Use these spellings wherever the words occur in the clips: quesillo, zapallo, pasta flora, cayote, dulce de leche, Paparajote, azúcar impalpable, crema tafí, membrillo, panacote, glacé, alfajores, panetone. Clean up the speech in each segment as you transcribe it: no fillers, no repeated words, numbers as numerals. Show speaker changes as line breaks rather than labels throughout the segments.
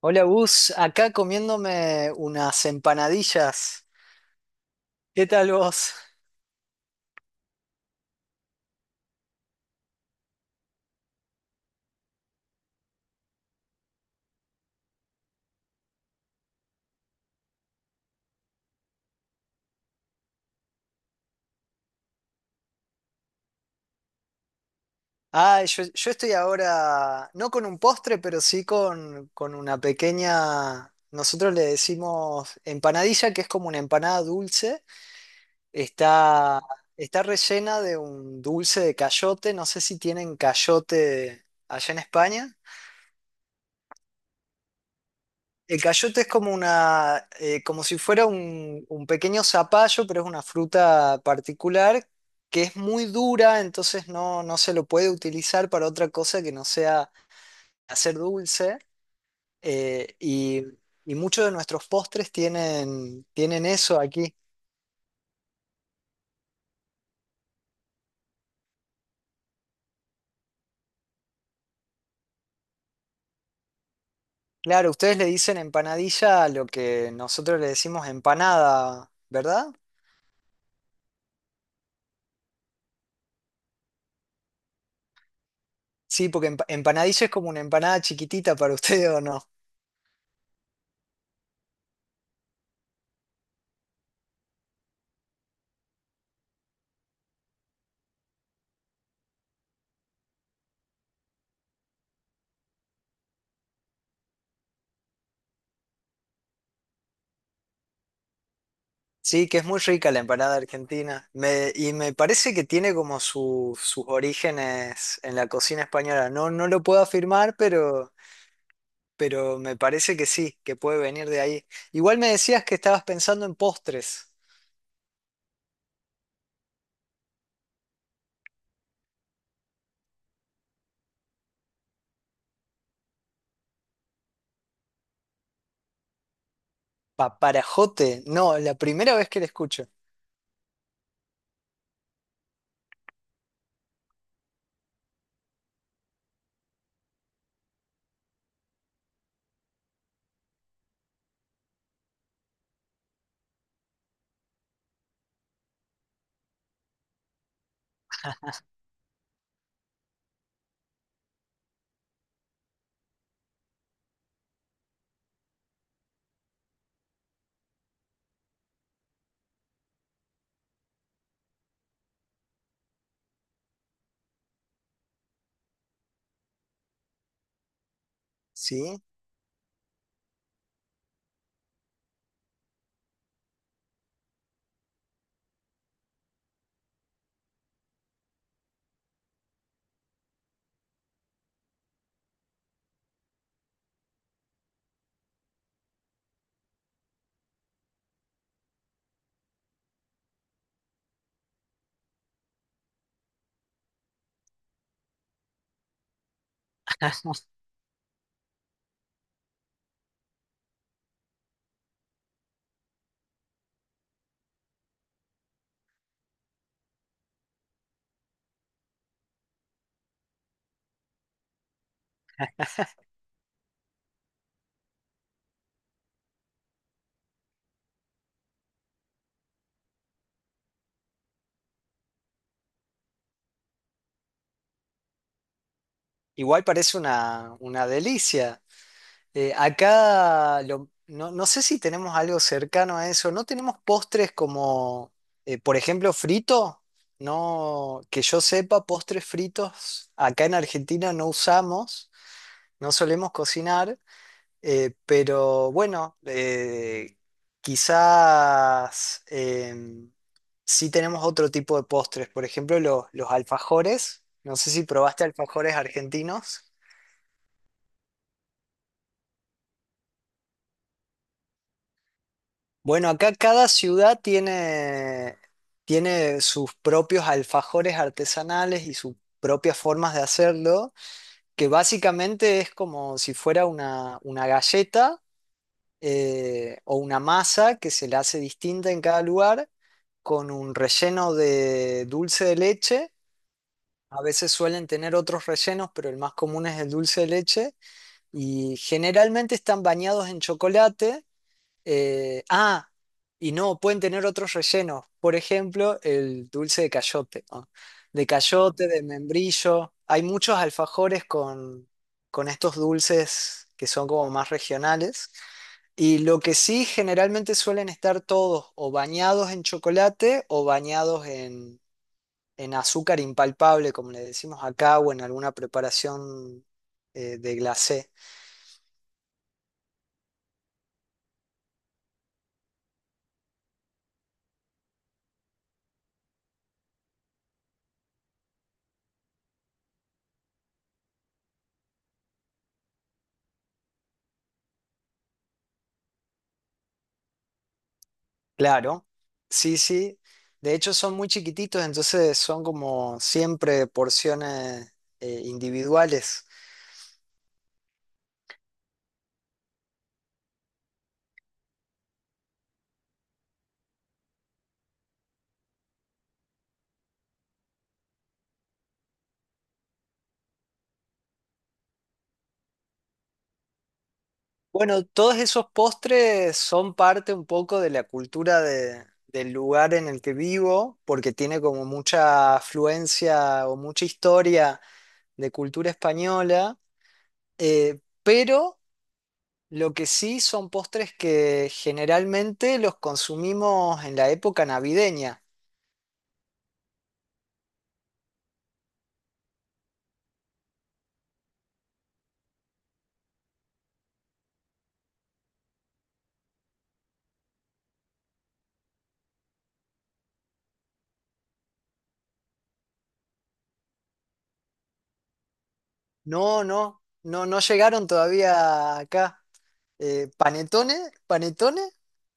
Hola Gus, acá comiéndome unas empanadillas. ¿Qué tal vos? Ah, yo estoy ahora, no con un postre, pero sí con una pequeña, nosotros le decimos empanadilla, que es como una empanada dulce. Está, está rellena de un dulce de cayote, no sé si tienen cayote allá en España. El cayote es como una, como si fuera un pequeño zapallo, pero es una fruta particular que es muy dura, entonces no, no se lo puede utilizar para otra cosa que no sea hacer dulce. eh, y, y muchos de nuestros postres tienen eso aquí. Claro, ustedes le dicen empanadilla a lo que nosotros le decimos empanada, ¿verdad? Sí, porque empanadilla es como una empanada chiquitita para ustedes, ¿o no? Sí, que es muy rica la empanada argentina. Y me parece que tiene como sus orígenes en la cocina española. No, no lo puedo afirmar, pero me parece que sí, que puede venir de ahí. Igual me decías que estabas pensando en postres. Paparajote. No, la primera vez que la escucho. Sí. Igual parece una delicia. No, no sé si tenemos algo cercano a eso. No tenemos postres como, por ejemplo, frito. No, que yo sepa, postres fritos acá en Argentina no usamos, no solemos cocinar, pero bueno, quizás sí tenemos otro tipo de postres. Por ejemplo, los alfajores. No sé si probaste alfajores argentinos. Bueno, acá cada ciudad tiene sus propios alfajores artesanales y sus propias formas de hacerlo, que básicamente es como si fuera una galleta o una masa que se le hace distinta en cada lugar, con un relleno de dulce de leche. A veces suelen tener otros rellenos, pero el más común es el dulce de leche. Y generalmente están bañados en chocolate. Eh, ah, y no, pueden tener otros rellenos. Por ejemplo, el dulce de cayote, ¿no? De cayote, de membrillo. Hay muchos alfajores con estos dulces que son como más regionales. Y lo que sí, generalmente suelen estar todos o bañados en chocolate o bañados en azúcar impalpable, como le decimos acá, o en alguna preparación de glacé. Claro, sí, sí. De hecho son muy chiquititos, entonces son como siempre porciones individuales. Bueno, todos esos postres son parte un poco de la cultura del lugar en el que vivo, porque tiene como mucha afluencia o mucha historia de cultura española, pero lo que sí son postres que generalmente los consumimos en la época navideña. No, no, no, no llegaron todavía acá. Eh, panetone, panetone,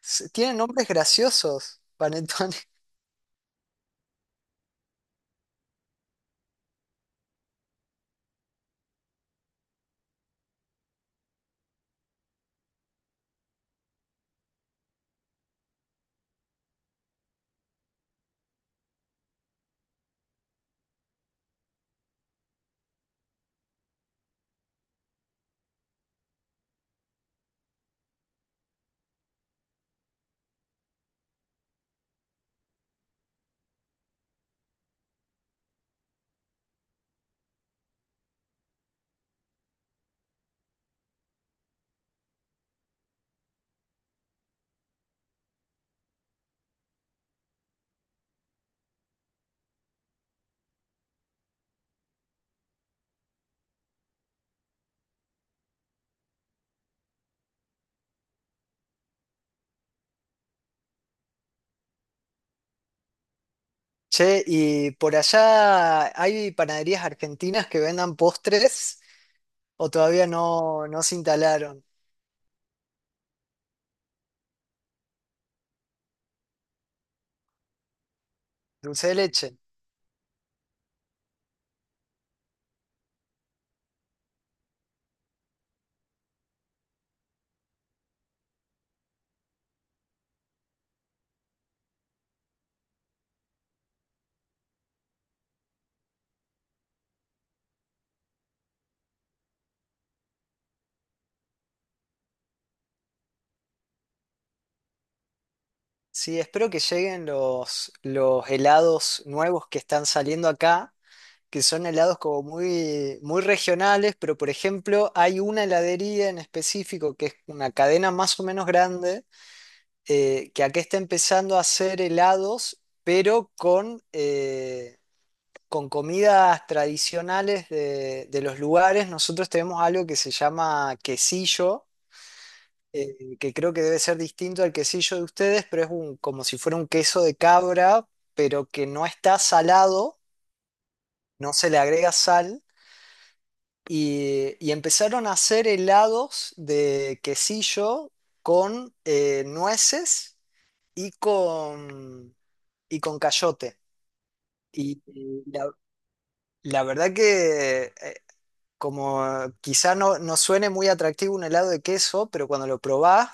Tienen nombres graciosos, panetone. Che, y por allá hay panaderías argentinas que vendan postres o todavía no, no se instalaron. Dulce de leche. Sí, espero que lleguen los helados nuevos que están saliendo acá. Que son helados como muy, muy regionales, pero por ejemplo hay una heladería en específico que es una cadena más o menos grande, que acá está empezando a hacer helados, pero con comidas tradicionales de los lugares. Nosotros tenemos algo que se llama quesillo. Que creo que debe ser distinto al quesillo de ustedes, pero es un, como si fuera un queso de cabra, pero que no está salado, no se le agrega sal, y empezaron a hacer helados de quesillo con nueces y con, y con cayote. Y y la, la verdad que como quizá no, no suene muy atractivo un helado de queso, pero cuando lo probás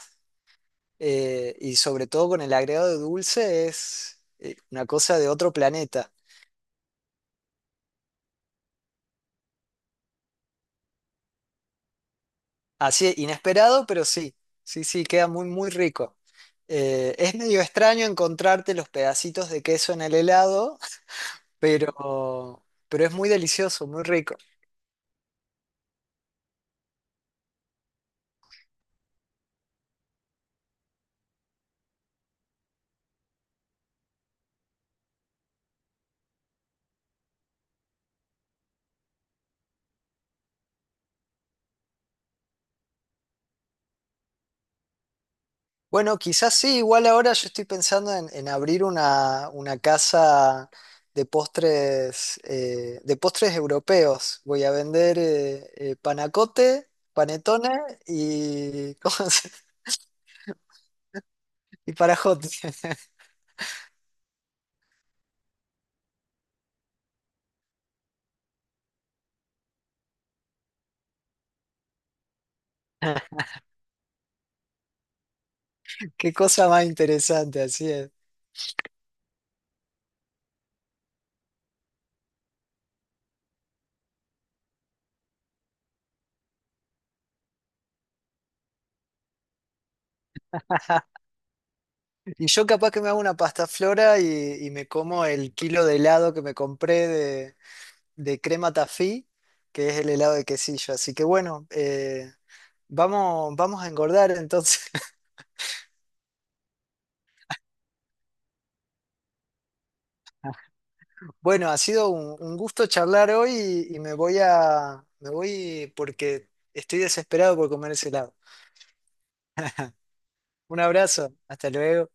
y sobre todo con el agregado de dulce es una cosa de otro planeta. Así, inesperado, pero sí, sí, sí, queda muy, muy rico. Es medio extraño encontrarte los pedacitos de queso en el helado, pero, pero es muy delicioso, muy rico. Bueno, quizás sí, igual ahora yo estoy pensando en abrir una casa de postres europeos. Voy a vender panacote, panetone y, y parajote. Qué cosa más interesante, así es. Y yo capaz que me hago una pasta flora y me como el kilo de helado que me compré de crema tafí, que es el helado de quesillo. Así que bueno, vamos, vamos a engordar entonces. Bueno, ha sido un gusto charlar hoy y me voy me voy porque estoy desesperado por comer ese helado. Un abrazo, hasta luego.